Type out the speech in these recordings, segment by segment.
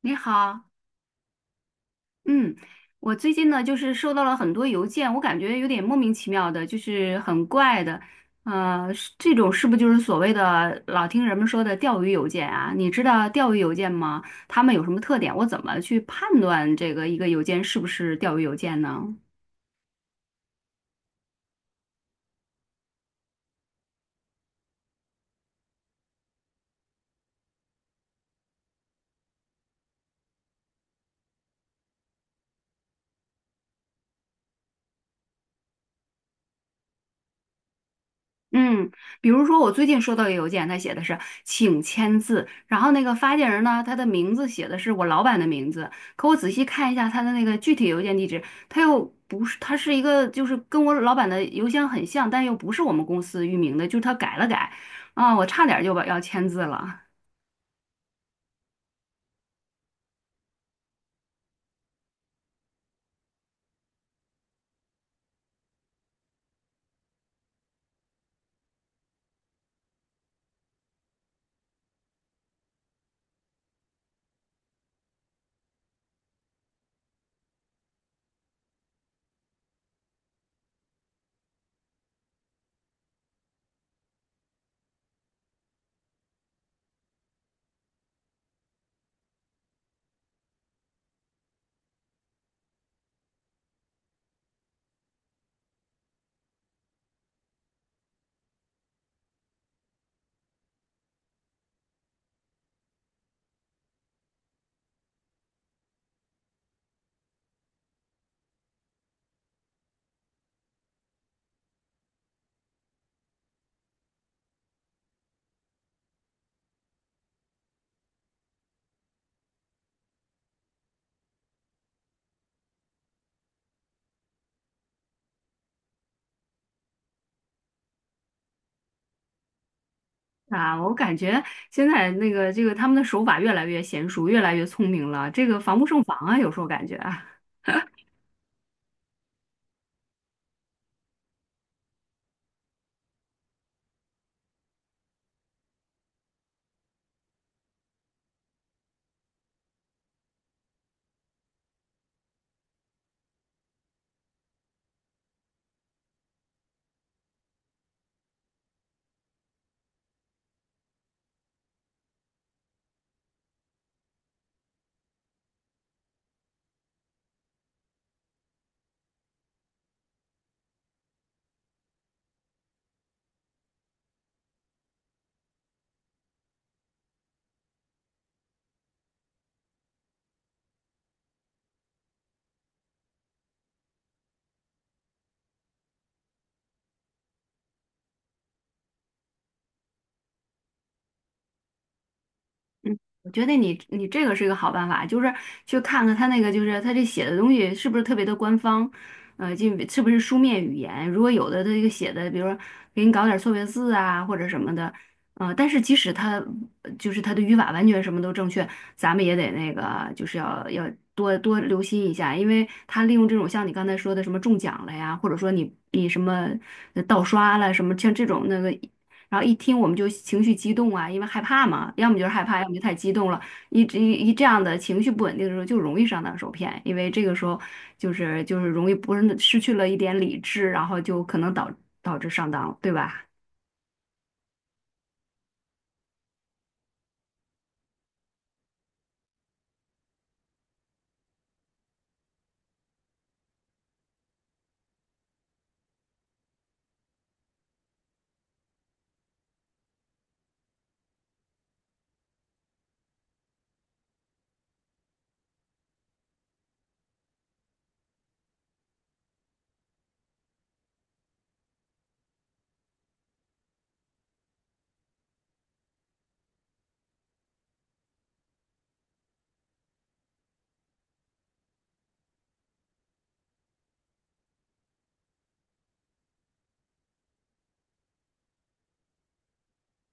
你好，嗯，我最近呢就是收到了很多邮件，我感觉有点莫名其妙的，就是很怪的，是这种是不是就是所谓的老听人们说的钓鱼邮件啊？你知道钓鱼邮件吗？他们有什么特点？我怎么去判断这个一个邮件是不是钓鱼邮件呢？嗯，比如说我最近收到一个邮件，他写的是请签字，然后那个发件人呢，他的名字写的是我老板的名字，可我仔细看一下他的那个具体邮件地址，他又不是，他是一个就是跟我老板的邮箱很像，但又不是我们公司域名的，就是他改了改，啊，我差点就把要签字了。啊，我感觉现在那个这个他们的手法越来越娴熟，越来越聪明了，这个防不胜防啊，有时候感觉啊。我觉得你这个是一个好办法，就是去看看他那个，就是他这写的东西是不是特别的官方，就是不是书面语言。如果有的他这个写的，比如说给你搞点错别字啊或者什么的，但是即使他就是他的语法完全什么都正确，咱们也得那个就是要多多留心一下，因为他利用这种像你刚才说的什么中奖了呀，或者说你什么盗刷了什么像这种那个。然后一听我们就情绪激动啊，因为害怕嘛，要么就是害怕，要么就太激动了。一直这样的情绪不稳定的时候，就容易上当受骗，因为这个时候就是容易不是失去了一点理智，然后就可能导致上当，对吧？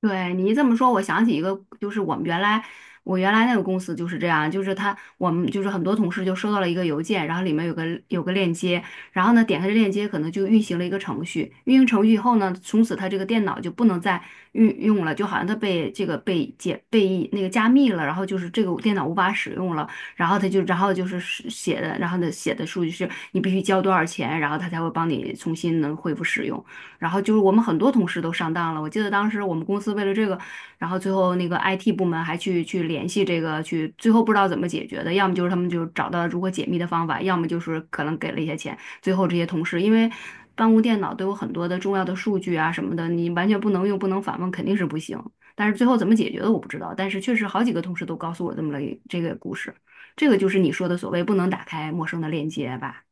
对你一这么说，我想起一个，就是我原来那个公司就是这样，就是他我们就是很多同事就收到了一个邮件，然后里面有个链接，然后呢点开这链接，可能就运行了一个程序，运行程序以后呢，从此他这个电脑就不能再运用了，就好像他被这个被那个加密了，然后就是这个电脑无法使用了，然后他就然后就是是写的，然后呢写的数据是你必须交多少钱，然后他才会帮你重新能恢复使用。然后就是我们很多同事都上当了。我记得当时我们公司为了这个，然后最后那个 IT 部门还去联系这个，去最后不知道怎么解决的，要么就是他们就找到如何解密的方法，要么就是可能给了一些钱。最后这些同事因为办公电脑都有很多的重要的数据啊什么的，你完全不能用，不能访问，肯定是不行。但是最后怎么解决的我不知道，但是确实好几个同事都告诉我这么了一这个故事，这个就是你说的所谓不能打开陌生的链接吧。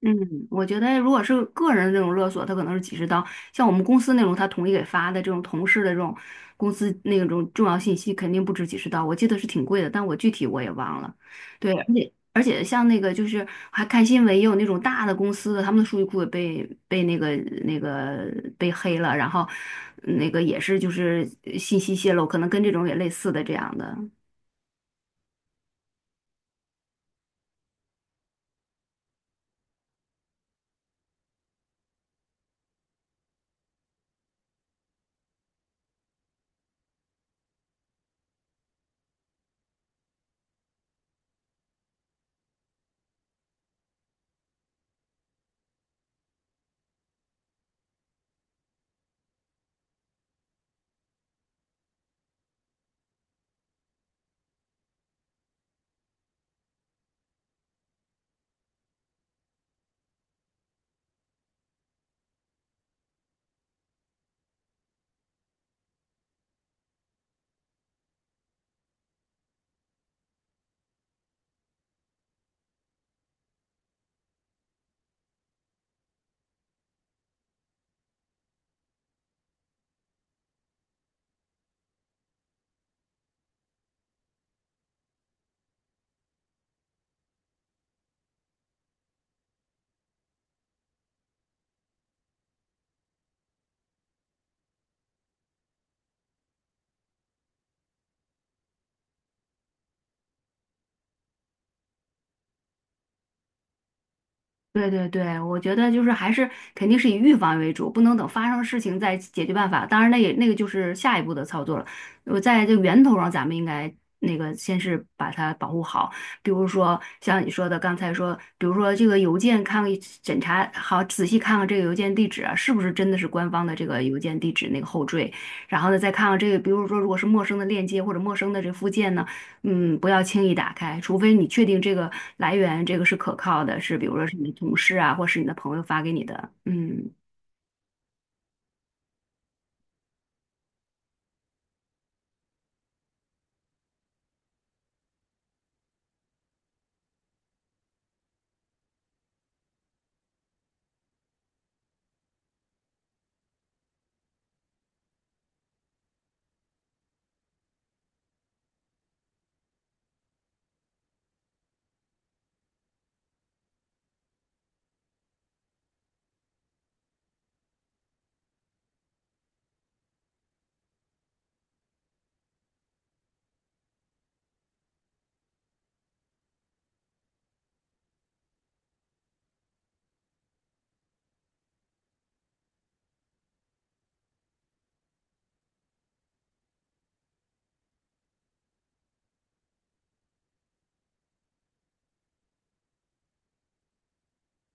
嗯，我觉得如果是个人的这种勒索，他可能是几十刀；像我们公司那种，他统一给发的这种同事的这种公司那种重要信息，肯定不止几十刀。我记得是挺贵的，但我具体我也忘了。对，而且像那个就是还看新闻，也有那种大的公司的，他们的数据库也被那个那个被黑了，然后那个也是就是信息泄露，可能跟这种也类似的这样的。对对对，我觉得就是还是肯定是以预防为主，不能等发生事情再解决办法。当然，那也那个就是下一步的操作了。我在这个源头上，咱们应该那个先是把它保护好，比如说像你说的刚才说，比如说这个邮件看检查好，仔细看看这个邮件地址啊，是不是真的是官方的这个邮件地址那个后缀，然后呢再看看这个，比如说如果是陌生的链接或者陌生的这附件呢。嗯，不要轻易打开，除非你确定这个来源这个是可靠的，是比如说是你的同事啊，或是你的朋友发给你的。嗯。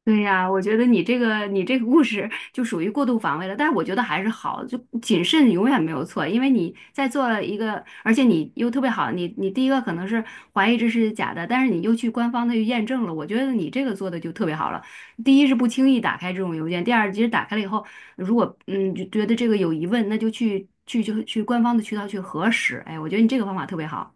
对呀，我觉得你这个故事就属于过度防卫了，但是我觉得还是好，就谨慎永远没有错，因为你在做一个，而且你又特别好，你第一个可能是怀疑这是假的，但是你又去官方的去验证了，我觉得你这个做的就特别好了。第一是不轻易打开这种邮件，第二其实打开了以后，如果就觉得这个有疑问，那就去就去官方的渠道去核实。哎，我觉得你这个方法特别好。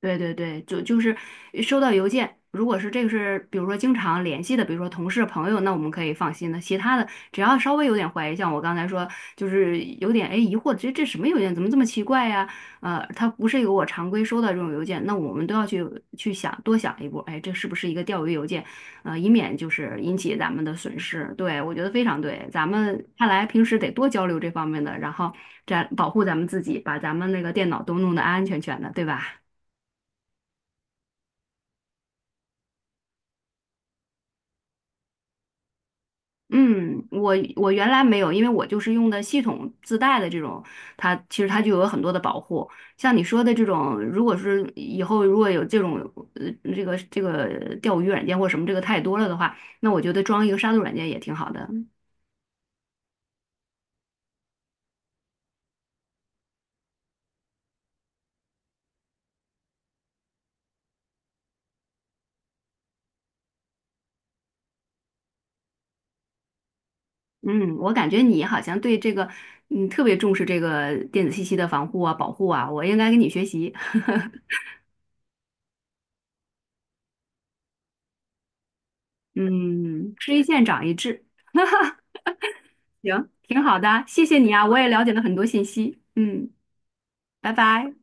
对对对，就就是收到邮件，如果是这个是，比如说经常联系的，比如说同事朋友，那我们可以放心的。其他的，只要稍微有点怀疑，像我刚才说，就是有点哎疑惑，这这什么邮件，怎么这么奇怪呀？它不是一个我常规收到这种邮件，那我们都要去想，多想一步，哎，这是不是一个钓鱼邮件？以免就是引起咱们的损失。对，我觉得非常对，咱们看来平时得多交流这方面的，然后这样保护咱们自己，把咱们那个电脑都弄得安安全全的，对吧？嗯，我原来没有，因为我就是用的系统自带的这种，它其实它就有很多的保护。像你说的这种，如果是以后如果有这种这个钓鱼软件或什么这个太多了的话，那我觉得装一个杀毒软件也挺好的。嗯，我感觉你好像对这个特别重视这个电子信息的防护啊、保护啊，我应该跟你学习。嗯，吃一堑长一智，行，挺好的，谢谢你啊，我也了解了很多信息。嗯，拜拜。